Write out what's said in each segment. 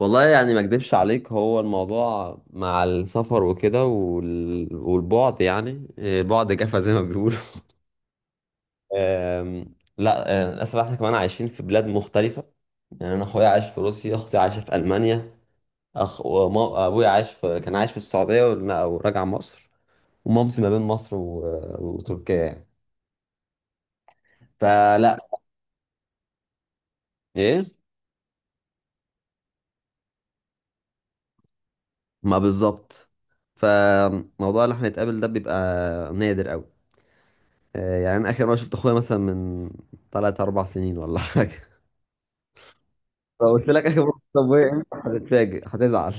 والله يعني ما اكدبش عليك، هو الموضوع مع السفر وكده وال... والبعد يعني بعد جفا زي ما بيقولوا. لا، للاسف احنا كمان عايشين في بلاد مختلفة. يعني انا اخويا عايش في روسيا، اختي عايشة في المانيا. ابويا عايش في كان عايش في السعودية ورجع وراجع مصر. ومامتي ما بين مصر وتركيا يعني. فلا. ايه. ما بالظبط. فموضوع اللي احنا نتقابل ده بيبقى نادر قوي. يعني انا اخر مره شفت اخويا مثلا من 3 4 سنين ولا حاجه. لو قلت لك اخر مره شفت ابويا امتى، هتتفاجئ، هتزعل.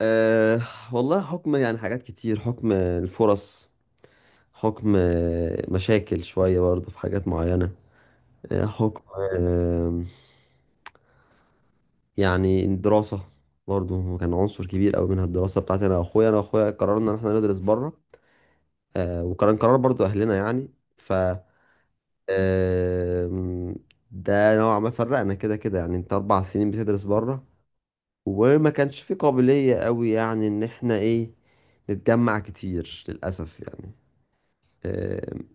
أه. والله، حكم يعني حاجات كتير، حكم الفرص، حكم مشاكل شويه برضه في حاجات معينه. حكم. آه، يعني الدراسه برضه كان عنصر كبير قوي منها، الدراسه بتاعتي انا واخويا قررنا ان احنا ندرس بره. أه، وكان قرار برضه اهلنا يعني. ف آم، ده نوعا ما فرقنا كده كده، يعني انت 4 سنين بتدرس بره، وما كانش في قابلية قوي يعني ان احنا ايه، نتجمع كتير للأسف يعني. آم،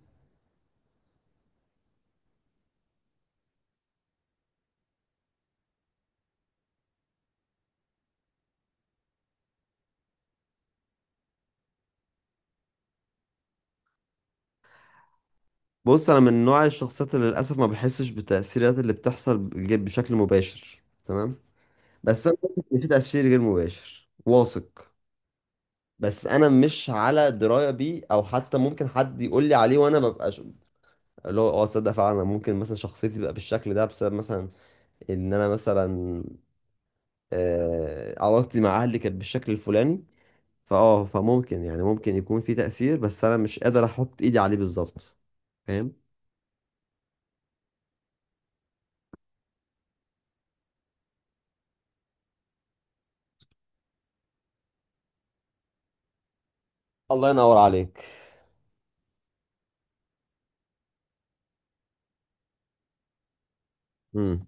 بص، انا من نوع الشخصيات اللي للأسف ما بحسش بالتأثيرات اللي بتحصل بشكل مباشر، تمام. بس انا واثق ان في تأثير غير مباشر، واثق. بس انا مش على درايه بيه، او حتى ممكن حد يقول لي عليه وانا ببقى اللي هو تصدق فعلا، أنا ممكن مثلا شخصيتي تبقى بالشكل ده بسبب مثلا ان انا مثلا علاقتي مع اهلي كانت بالشكل الفلاني. فممكن يعني، ممكن يكون في تأثير، بس انا مش قادر احط ايدي عليه بالظبط. فاهم. الله ينور عليك. امم.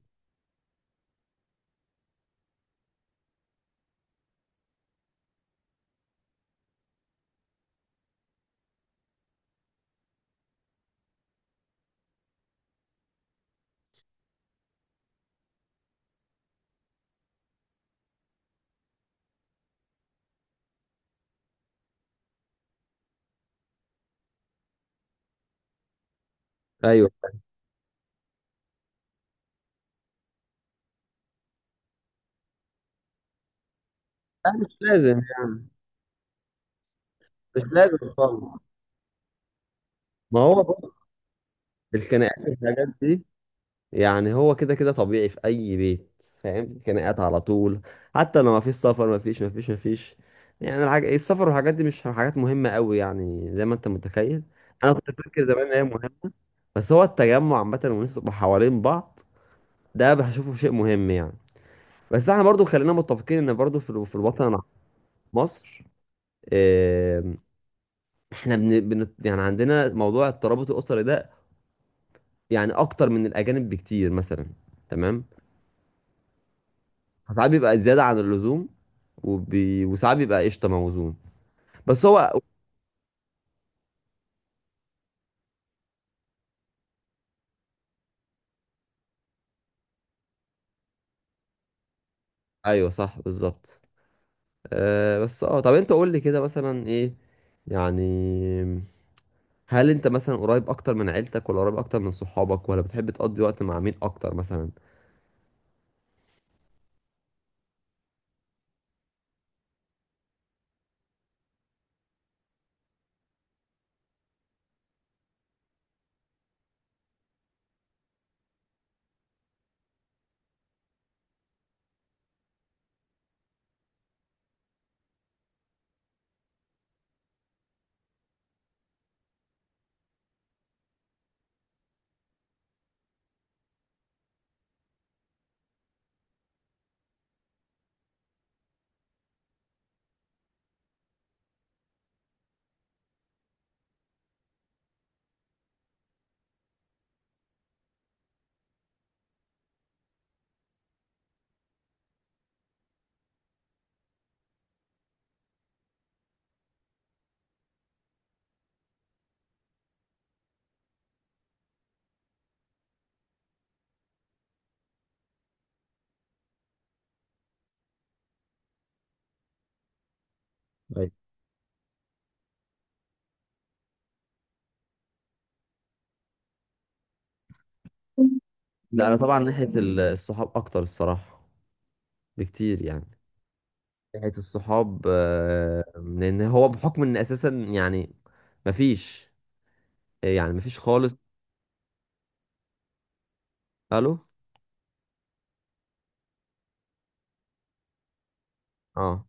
ايوه. لا، مش لازم يعني. مش لازم خالص. ما هو برضه الخناقات والحاجات دي، يعني هو كده كده طبيعي في اي بيت، فاهم؟ خناقات على طول، حتى لو ما فيش سفر، ما فيش، ما فيش، ما فيش. يعني الحاجة السفر والحاجات دي مش حاجات مهمة قوي يعني، زي ما انت متخيل. انا كنت فاكر زمان ان هي مهمة. بس هو التجمع عامة والناس تبقى حوالين بعض، ده بشوفه شيء مهم يعني. بس احنا برضو خلينا متفقين ان برضو في في الوطن مصر. آم، احنا بن بن يعني عندنا موضوع الترابط الاسري ده، يعني اكتر من الاجانب بكتير مثلا. تمام. فساعات بيبقى زيادة عن اللزوم، وساعات بيبقى قشطة، موزون. بس هو. ايوه صح بالظبط. بس طب انت قول لي كده مثلا، ايه يعني، هل انت مثلا قريب اكتر من عيلتك ولا قريب اكتر من صحابك، ولا بتحب تقضي وقت مع مين اكتر مثلا؟ طيب. لا انا طبعا ناحية الصحاب اكتر الصراحة، بكتير يعني. ناحية الصحاب، لان هو بحكم ان اساسا يعني مفيش، يعني مفيش خالص. الو. اه.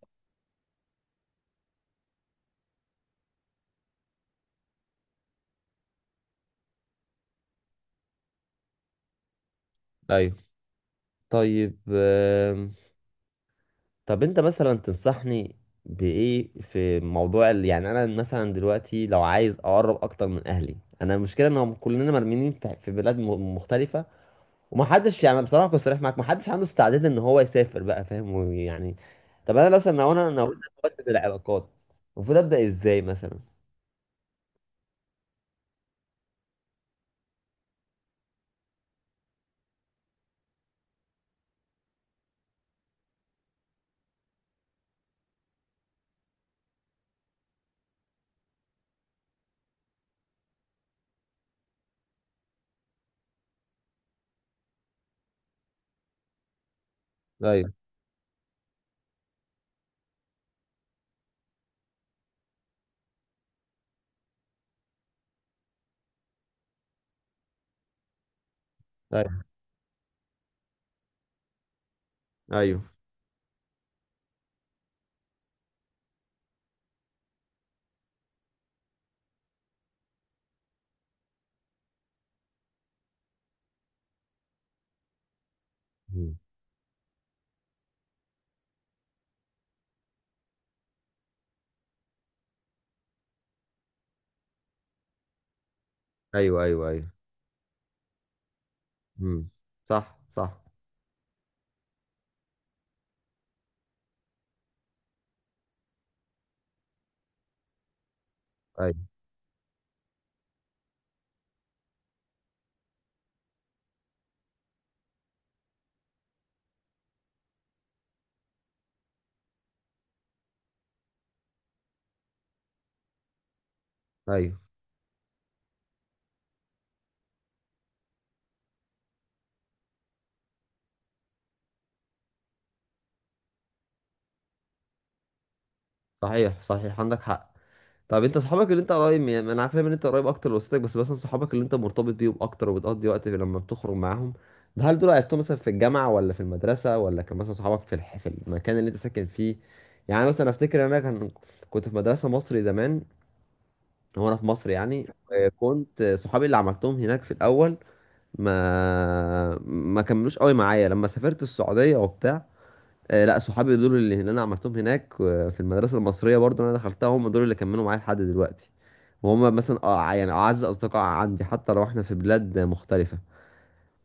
ايوه، طيب. طب انت مثلا تنصحني بايه في موضوع يعني انا مثلا دلوقتي لو عايز اقرب اكتر من اهلي. انا المشكله ان هم كلنا مرميين في في بلاد مختلفه. ومحدش يعني، بصراحه كنت صريح معاك، محدش عنده استعداد ان هو يسافر بقى، فاهم؟ ويعني طب انا مثلا لو انا نويت ابدل العلاقات، المفروض ابدا ازاي مثلا؟ ايوه ايوه ايوه. مم. ايوه ايوه ايوه. مم. صح صح. ايوه ايوه. صحيح صحيح، عندك حق. طب انت صحابك اللي انت قريب من، ما انا عارف ان انت قريب اكتر لوسطك، بس مثلا صحابك اللي انت مرتبط بيهم اكتر وبتقضي وقت لما بتخرج معاهم، ده هل دول عرفتهم مثلا في الجامعه ولا في المدرسه، ولا كان مثلا صحابك في في المكان اللي انت ساكن فيه؟ يعني مثلا افتكر انا كنت في مدرسه مصري زمان، هو انا في مصر يعني. كنت صحابي اللي عملتهم هناك في الاول ما كملوش قوي معايا لما سافرت السعوديه وبتاع. لا، صحابي دول اللي انا عملتهم هناك، في المدرسه المصريه برضو اللي انا دخلتها، هم دول اللي كملوا معايا لحد دلوقتي. وهم مثلا يعني اعز اصدقاء عندي، حتى لو احنا في بلاد مختلفه.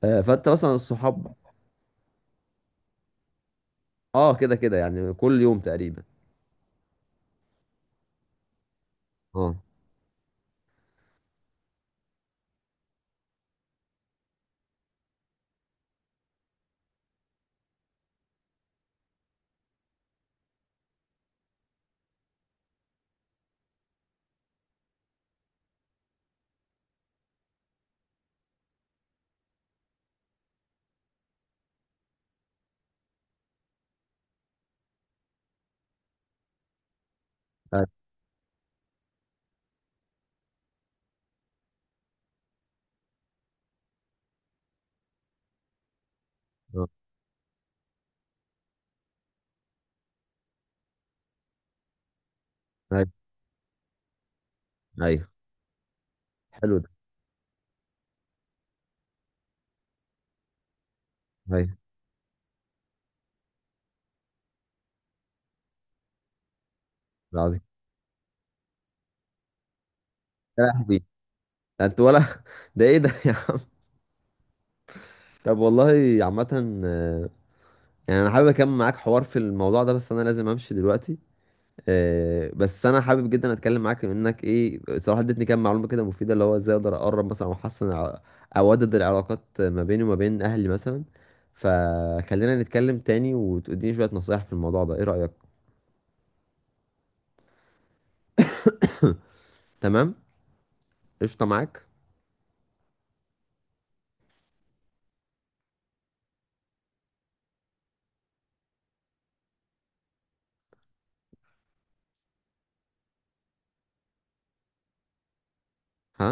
فانت مثلا الصحاب. اه، كده كده يعني، كل يوم تقريبا. اه. ايوه آه، ايوه ايوه. حلو ده. ايوه. العظيم. يا لهوي. ده انت؟ ولا ده ايه ده يا عم؟ طب والله، عامه يعني انا حابب اكمل معاك حوار في الموضوع ده، بس انا لازم امشي دلوقتي. بس انا حابب جدا اتكلم معاك. منك ايه؟ صراحه ادتني كام معلومه كده مفيده، اللي هو ازاي اقدر اقرب مثلا او احسن او اودد العلاقات ما بيني وما بين اهلي مثلا. فخلينا نتكلم تاني وتديني شويه نصايح في الموضوع ده، ايه رايك؟ تمام، قشطه معاك. ها؟